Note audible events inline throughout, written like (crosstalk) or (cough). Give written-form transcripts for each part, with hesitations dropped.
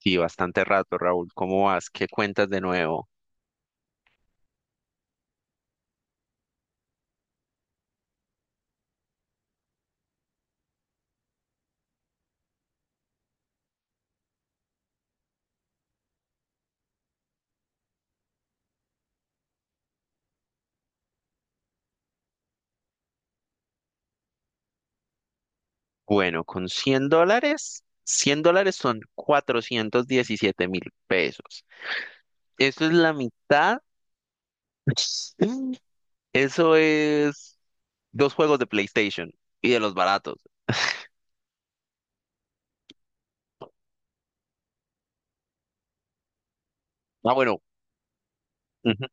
Sí, bastante rato, Raúl. ¿Cómo vas? ¿Qué cuentas de nuevo? Bueno, $100 son 417.000 pesos. Eso es la mitad. (laughs) Eso es dos juegos de PlayStation y de los baratos. Ah, bueno, ujú,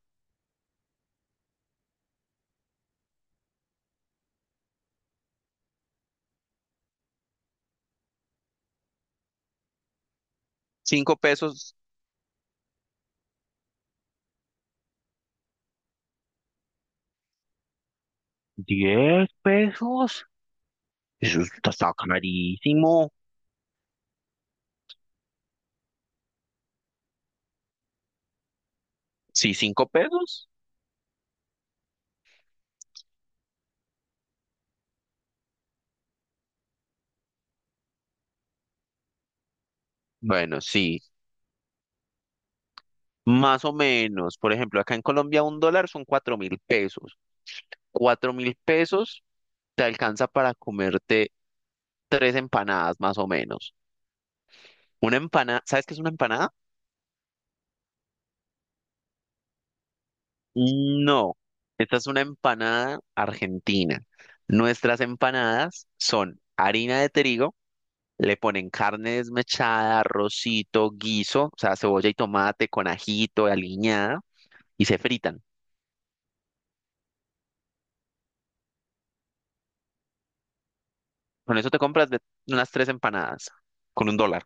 5 pesos. ¿10 pesos? Eso está carísimo. Sí, 5 pesos. Bueno, sí, más o menos. Por ejemplo, acá en Colombia un dólar son 4.000 pesos. 4.000 pesos te alcanza para comerte tres empanadas más o menos. Una empanada, ¿sabes qué es una empanada? No, esta es una empanada argentina. Nuestras empanadas son harina de trigo, le ponen carne desmechada, arrocito, guiso, o sea, cebolla y tomate con ajito, aliñada, y se fritan. Con eso te compras de- unas tres empanadas, con un dólar.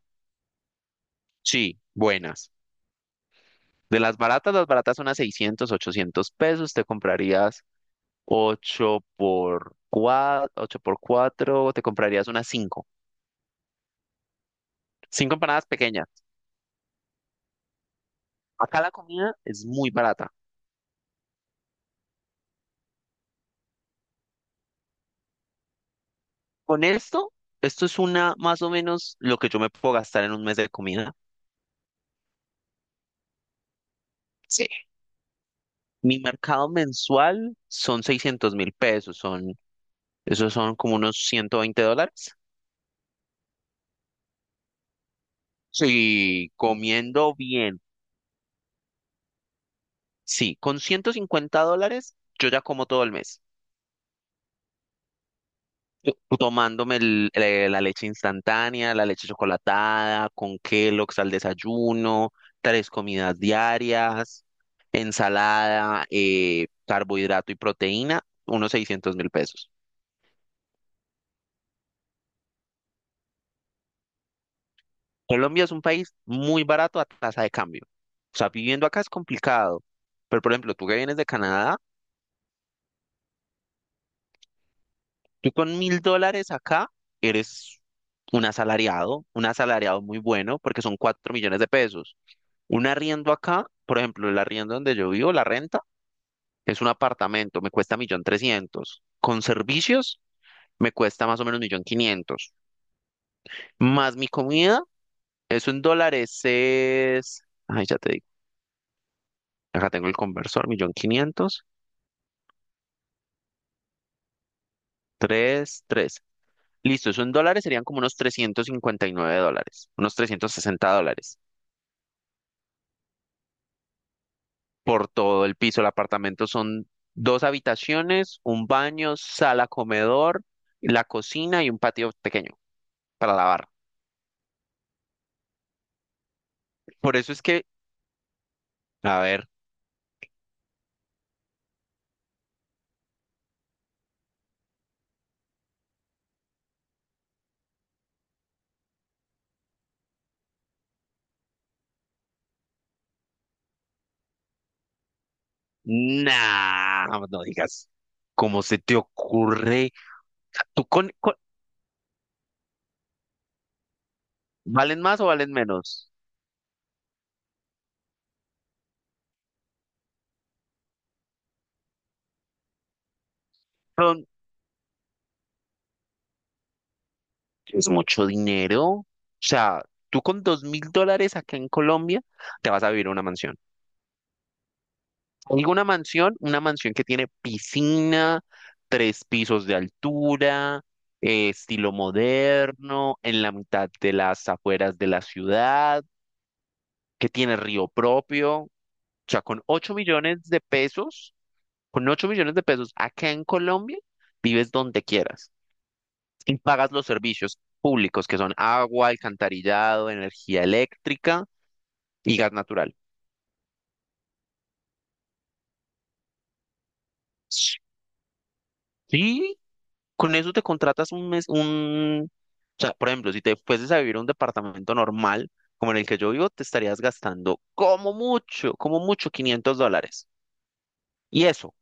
Sí, buenas. De las baratas son a seiscientos ochocientos pesos, te comprarías ocho por cuatro te comprarías unas cinco empanadas pequeñas. Acá la comida es muy barata. Con esto, Esto es una más o menos lo que yo me puedo gastar en un mes de comida. Sí. Mi mercado mensual son 600.000 pesos, esos son como unos $120. Sí, comiendo bien. Sí, con $150 yo ya como todo el mes. Yo Tomándome la leche instantánea, la leche chocolatada, con Kellogg's al desayuno, tres comidas diarias, ensalada, carbohidrato y proteína, unos 600 mil pesos. Colombia es un país muy barato a tasa de cambio. O sea, viviendo acá es complicado. Pero, por ejemplo, tú que vienes de Canadá, tú con $1.000 acá eres un asalariado muy bueno, porque son 4 millones de pesos. Un arriendo acá, por ejemplo, el arriendo donde yo vivo, la renta, es un apartamento, me cuesta 1.300.000. Con servicios, me cuesta más o menos 1.500.000. Más mi comida, eso en dólares es... Ay, ya te digo, acá tengo el conversor, 1.500.000, tres, tres. Listo, eso en dólares serían como unos $359, unos $360 por todo el piso. El apartamento son dos habitaciones, un baño, sala, comedor, la cocina y un patio pequeño para lavar. Por eso es que, a ver, nah, no digas, ¿cómo se te ocurre? ¿Tú con- valen más o valen menos? Son- es mucho dinero. O sea, tú con $2.000 acá en Colombia te vas a vivir a una mansión. Digo una mansión que tiene piscina, tres pisos de altura, estilo moderno, en la mitad de las afueras de la ciudad, que tiene río propio. O sea, con 8 millones de pesos acá en Colombia, vives donde quieras y pagas los servicios públicos que son agua, alcantarillado, energía eléctrica y gas natural. Sí, con eso te contratas un mes, un... O sea, por ejemplo, si te fueses a vivir a un departamento normal, como en el que yo vivo, te estarías gastando como mucho $500. Y eso,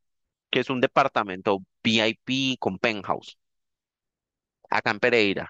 que es un departamento VIP con penthouse, acá en Pereira.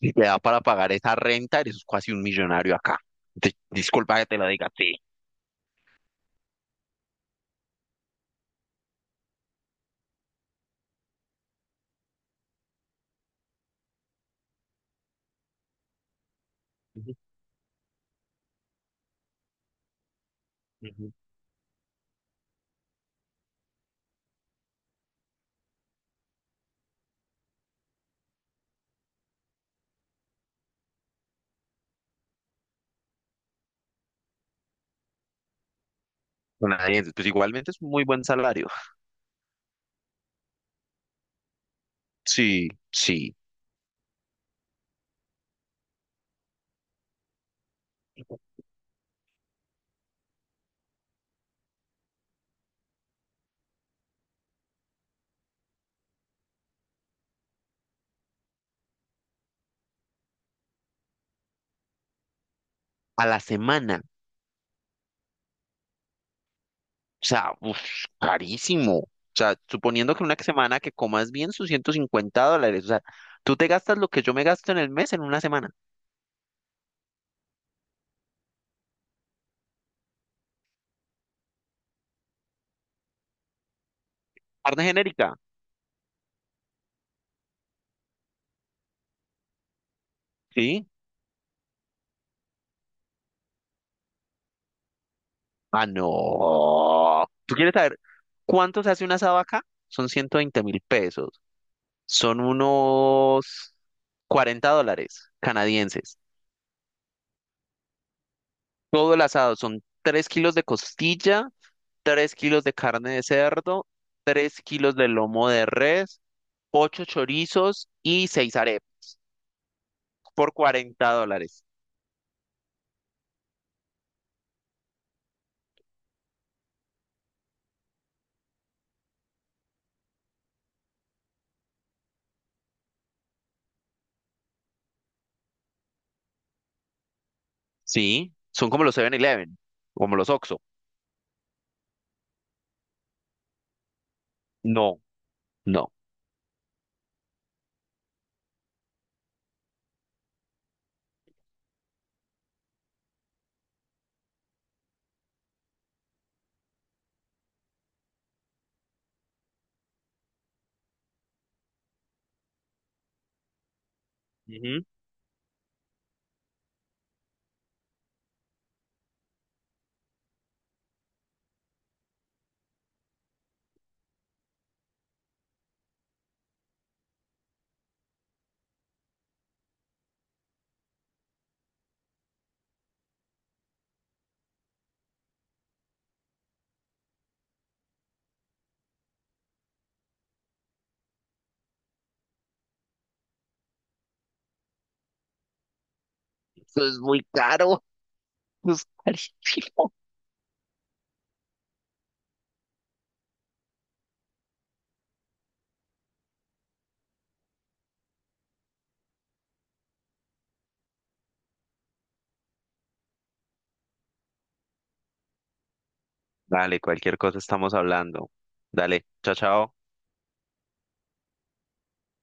Y te da para pagar esa renta, eres casi un millonario acá. Disculpa que te lo diga, sí. Ujú, ujú. Canadienses, pues igualmente es un muy buen salario. Sí, sí. A la semana. O sea, uf, carísimo. O sea, suponiendo que una semana que comas bien sus $150. O sea, tú te gastas lo que yo me gasto en el mes en una semana. Carne genérica. ¿Sí? Ah, no. ¿Tú quieres saber cuánto se hace un asado acá? Son 120.000 pesos. Son unos $40 canadienses. Todo el asado son 3 kilos de costilla, 3 kilos de carne de cerdo, 3 kilos de lomo de res, 8 chorizos y seis arepas por $40. Sí, son como los Seven eleven como los Oxxo. No, no. Ujú. Eso es muy caro. Pues, (laughs) Dale, cualquier cosa estamos hablando. Dale, chao, chao.